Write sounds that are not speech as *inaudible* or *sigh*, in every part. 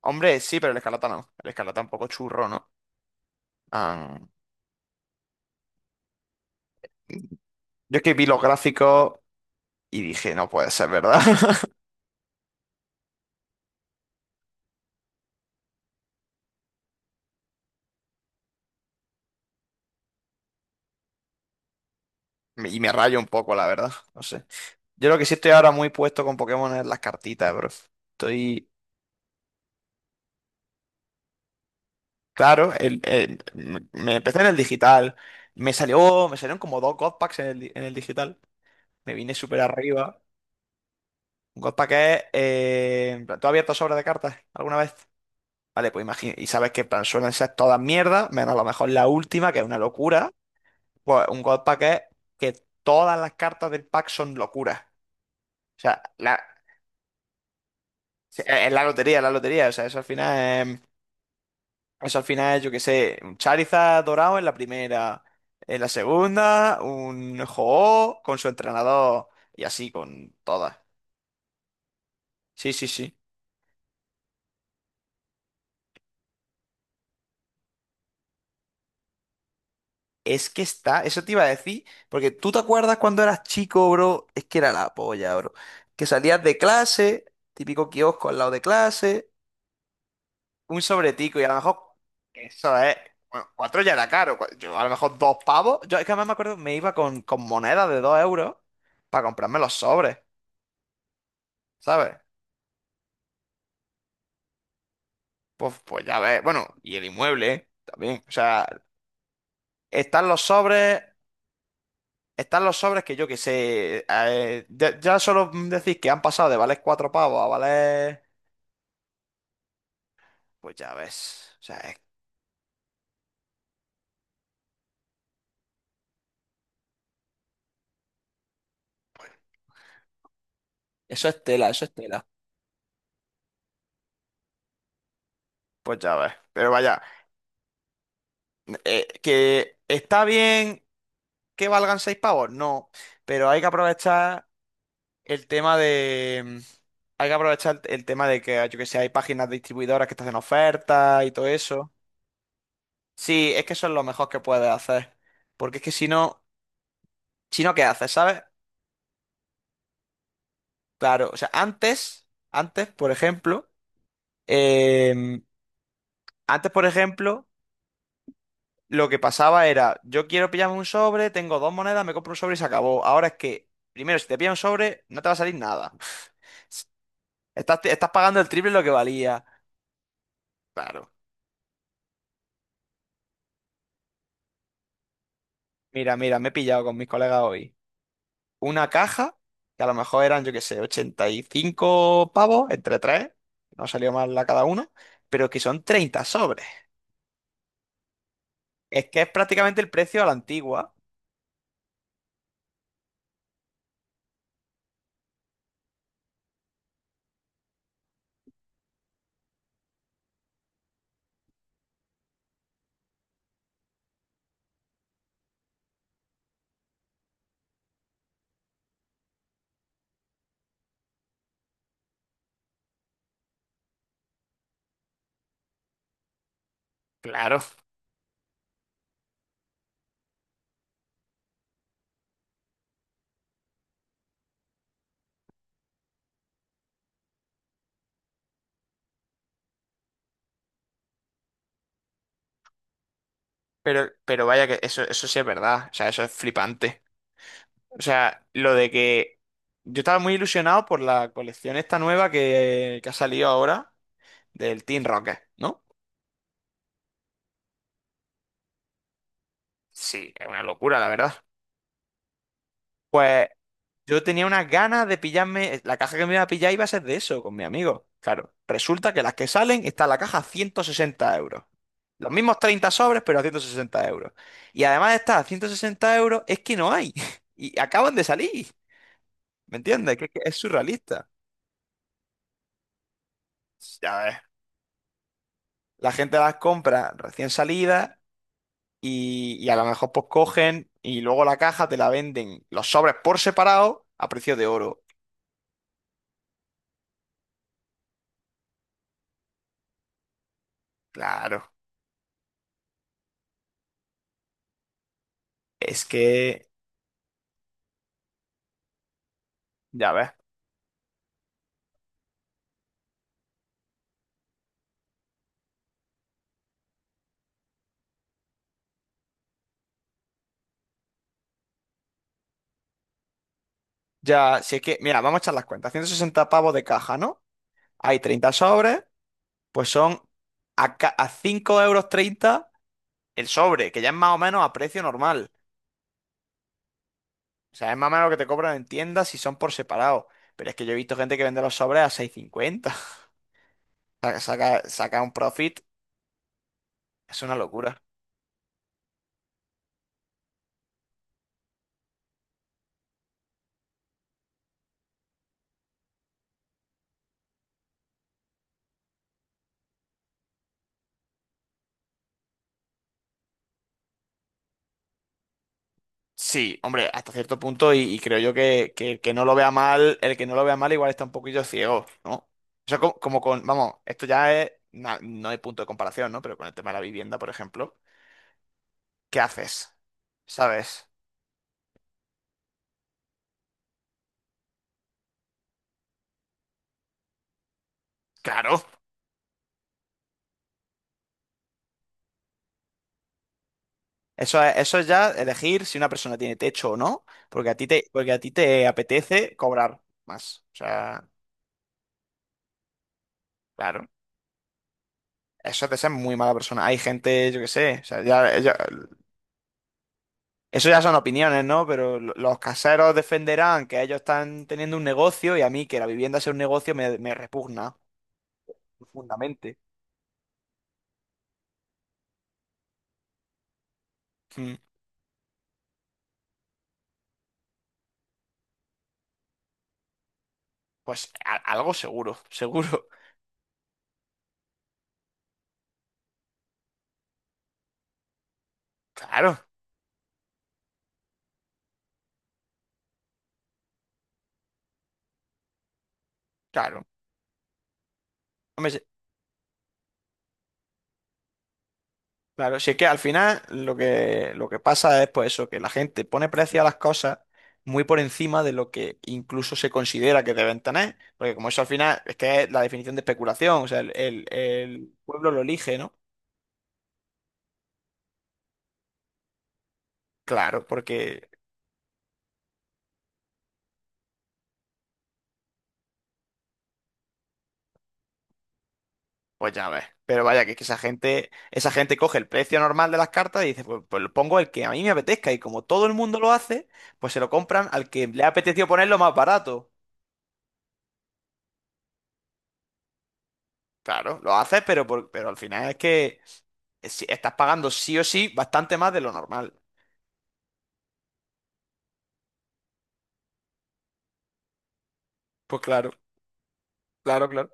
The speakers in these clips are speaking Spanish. Hombre, sí, pero el Escarlata no. El Escarlata un poco churro, ¿no? Ah, yo es que vi los gráficos y dije, no puede ser, ¿verdad? *laughs* Y me rayo un poco, la verdad. No sé. Yo lo que sí estoy ahora muy puesto con Pokémon es las cartitas, bro. Estoy. Claro, me empecé en el digital. Me salió. Me salieron como dos God Packs en en el digital. Me vine súper arriba. Un God Pack es. En plan, ¿tú has abierto sobre de cartas alguna vez? Vale, pues imagina, y sabes que en plan, suelen ser todas mierdas, menos a lo mejor la última, que es una locura. Pues un God Pack es que todas las cartas del pack son locuras. O sea, la, sí, es la lotería, la lotería. O sea, eso al final es, eso al final es, yo qué sé, un Charizard dorado en la primera, en la segunda, un ho con su entrenador y así con todas. Sí, sí, sí. Es que está, eso te iba a decir, porque tú te acuerdas cuando eras chico, bro, es que era la polla, bro. Que salías de clase, típico kiosco al lado de clase, un sobretico y a lo mejor, eso es, bueno, cuatro ya era caro, yo a lo mejor dos pavos, yo es que además me acuerdo, me iba con monedas de 2 euros para comprarme los sobres, ¿sabes? Pues, pues ya ves, bueno, y el inmueble, ¿eh? También, o sea, están los sobres. Están los sobres que yo que sé. Ya, ya solo decís que han pasado de valer cuatro pavos a valer. Pues ya ves. O sea, eso es tela, eso es tela. Pues ya ves. Pero vaya, que está bien que valgan seis pavos, no. Pero hay que aprovechar el tema de. Hay que aprovechar el tema de que, yo que sé, hay páginas distribuidoras que te hacen ofertas y todo eso. Sí, es que eso es lo mejor que puedes hacer. Porque es que si no, si no, ¿qué haces, sabes? Claro, o sea, antes, antes, por ejemplo, em, antes, por ejemplo, lo que pasaba era, yo quiero pillarme un sobre, tengo dos monedas, me compro un sobre y se acabó. Ahora es que, primero, si te pillas un sobre, no te va a salir nada. *laughs* Estás, estás pagando el triple lo que valía. Claro. Mira, mira, me he pillado con mis colegas hoy. Una caja, que a lo mejor eran, yo qué sé, 85 pavos entre tres, no salió mal la cada uno, pero que son 30 sobres. Es que es prácticamente el precio a la antigua. Claro. Pero vaya que eso sí es verdad, o sea, eso es flipante. O sea, lo de que yo estaba muy ilusionado por la colección esta nueva que ha salido ahora del Team Rocket, ¿no? Sí, es una locura, la verdad. Pues yo tenía unas ganas de pillarme, la caja que me iba a pillar iba a ser de eso, con mi amigo. Claro, resulta que las que salen está la caja a 160 euros. Los mismos 30 sobres, pero a 160 euros. Y además de estar a 160 euros, es que no hay. *laughs* Y acaban de salir. ¿Me entiendes? Que es surrealista. Ya ves. La gente las compra recién salidas y a lo mejor pues cogen y luego la caja te la venden los sobres por separado a precio de oro. Claro. Es que, ya ves. Ya, si es que, mira, vamos a echar las cuentas. 160 pavos de caja, ¿no? Hay 30 sobres, pues son a, a 5 euros treinta el sobre, que ya es más o menos a precio normal. O sea, es más o menos lo que te cobran en tiendas si son por separado. Pero es que yo he visto gente que vende los sobres a 6,50. Saca, saca un profit, es una locura. Sí, hombre, hasta cierto punto, y creo yo que el que no lo vea mal, el que no lo vea mal igual está un poquillo ciego, ¿no? Eso como, como con, vamos, esto ya es, no hay punto de comparación, ¿no? Pero con el tema de la vivienda, por ejemplo, ¿qué haces? ¿Sabes? Claro. Eso es ya elegir si una persona tiene techo o no, porque a ti te, porque a ti te apetece cobrar más. O sea, claro. Eso es de ser muy mala persona. Hay gente, yo qué sé, o sea, ya, ya. Eso ya son opiniones, ¿no? Pero los caseros defenderán que ellos están teniendo un negocio y a mí que la vivienda sea un negocio me, me repugna profundamente. Mm, pues algo seguro, seguro. *laughs* Claro, claro. Hombre, claro, si es que al final lo que pasa es pues eso, que la gente pone precio a las cosas muy por encima de lo que incluso se considera que deben tener. Porque como eso al final es que es la definición de especulación, o sea, el el pueblo lo elige, ¿no? Claro, porque pues ya ves. Pero vaya, que es que esa gente coge el precio normal de las cartas y dice, pues, pues lo pongo el que a mí me apetezca. Y como todo el mundo lo hace, pues se lo compran al que le ha apetecido ponerlo más barato. Claro, lo haces, pero, pero al final es que estás pagando sí o sí bastante más de lo normal. Pues claro, claro, claro.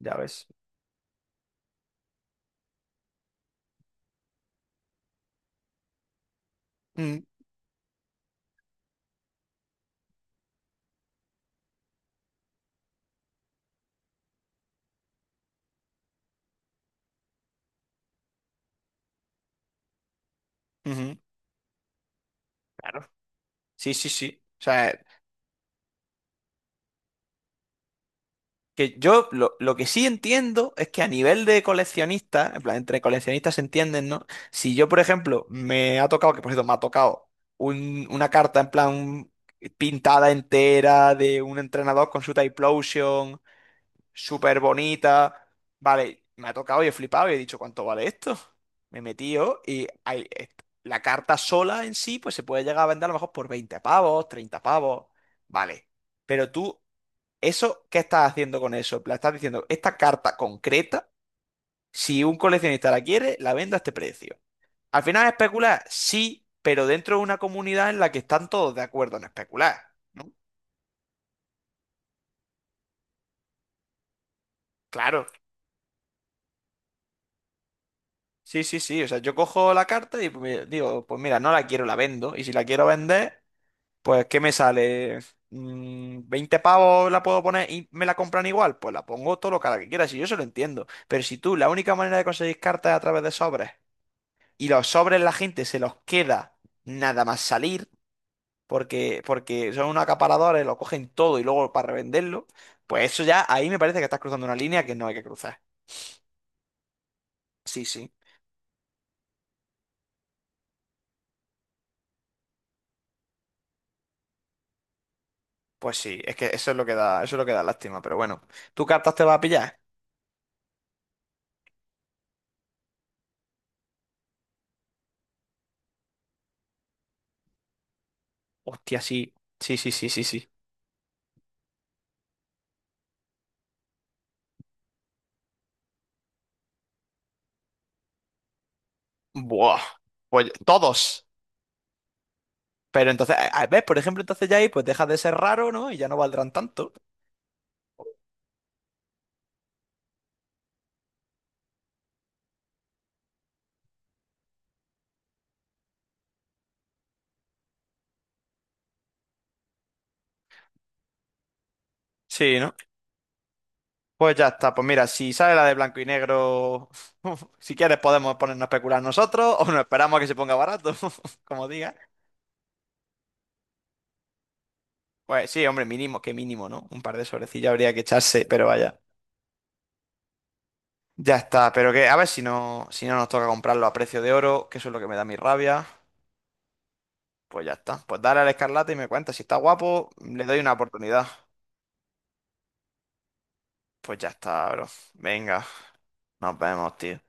Ya ves. Mm, ujú, claro. Sí, sí, sí. O sea, que yo lo que sí entiendo es que a nivel de coleccionista, en plan, entre coleccionistas se entienden, ¿no? Si yo, por ejemplo, me ha tocado, que por cierto me ha tocado una carta en plan pintada entera de un entrenador con su Typlosion, súper bonita, vale, me ha tocado y he flipado y he dicho, ¿cuánto vale esto? Me metí yo y hay, la carta sola en sí, pues se puede llegar a vender a lo mejor por 20 pavos, 30 pavos, vale. Pero tú, ¿eso qué estás haciendo con eso? En plan, estás diciendo, esta carta concreta, si un coleccionista la quiere, la vendo a este precio. Al final es especular, sí, pero dentro de una comunidad en la que están todos de acuerdo en especular, ¿no? Claro. Sí, sí, sí. O sea, yo cojo la carta y pues, digo, pues mira, no la quiero, la vendo. Y si la quiero vender, pues ¿qué me sale? Mm, 20 pavos la puedo poner y me la compran igual. Pues la pongo todo lo cara que quiera, si yo eso lo entiendo. Pero si tú, la única manera de conseguir cartas es a través de sobres y los sobres la gente se los queda nada más salir, porque son unos acaparadores, lo cogen todo y luego para revenderlo, pues eso ya, ahí me parece que estás cruzando una línea que no hay que cruzar. Sí, sí, pues sí, es que eso es lo que da, eso es lo que da lástima, pero bueno, ¿tú cartas te vas a pillar? Hostia, sí, sí, sí, sí, sí, sí. Buah, pues todos. Pero entonces, ¿ves? Por ejemplo, entonces ya ahí pues dejas de ser raro, ¿no? Y ya no valdrán tanto. Sí, ¿no? Pues ya está, pues mira, si sale la de blanco y negro, *laughs* si quieres podemos ponernos a especular nosotros o nos esperamos a que se ponga barato, *laughs* como diga. Pues sí, hombre, mínimo, qué mínimo, ¿no? Un par de sobrecillos habría que echarse, pero vaya. Ya está, pero que a ver si no, si no nos toca comprarlo a precio de oro, que eso es lo que me da mi rabia. Pues ya está, pues dale al Escarlata y me cuenta, si está guapo, le doy una oportunidad. Pues ya está, bro. Venga, nos vemos, tío.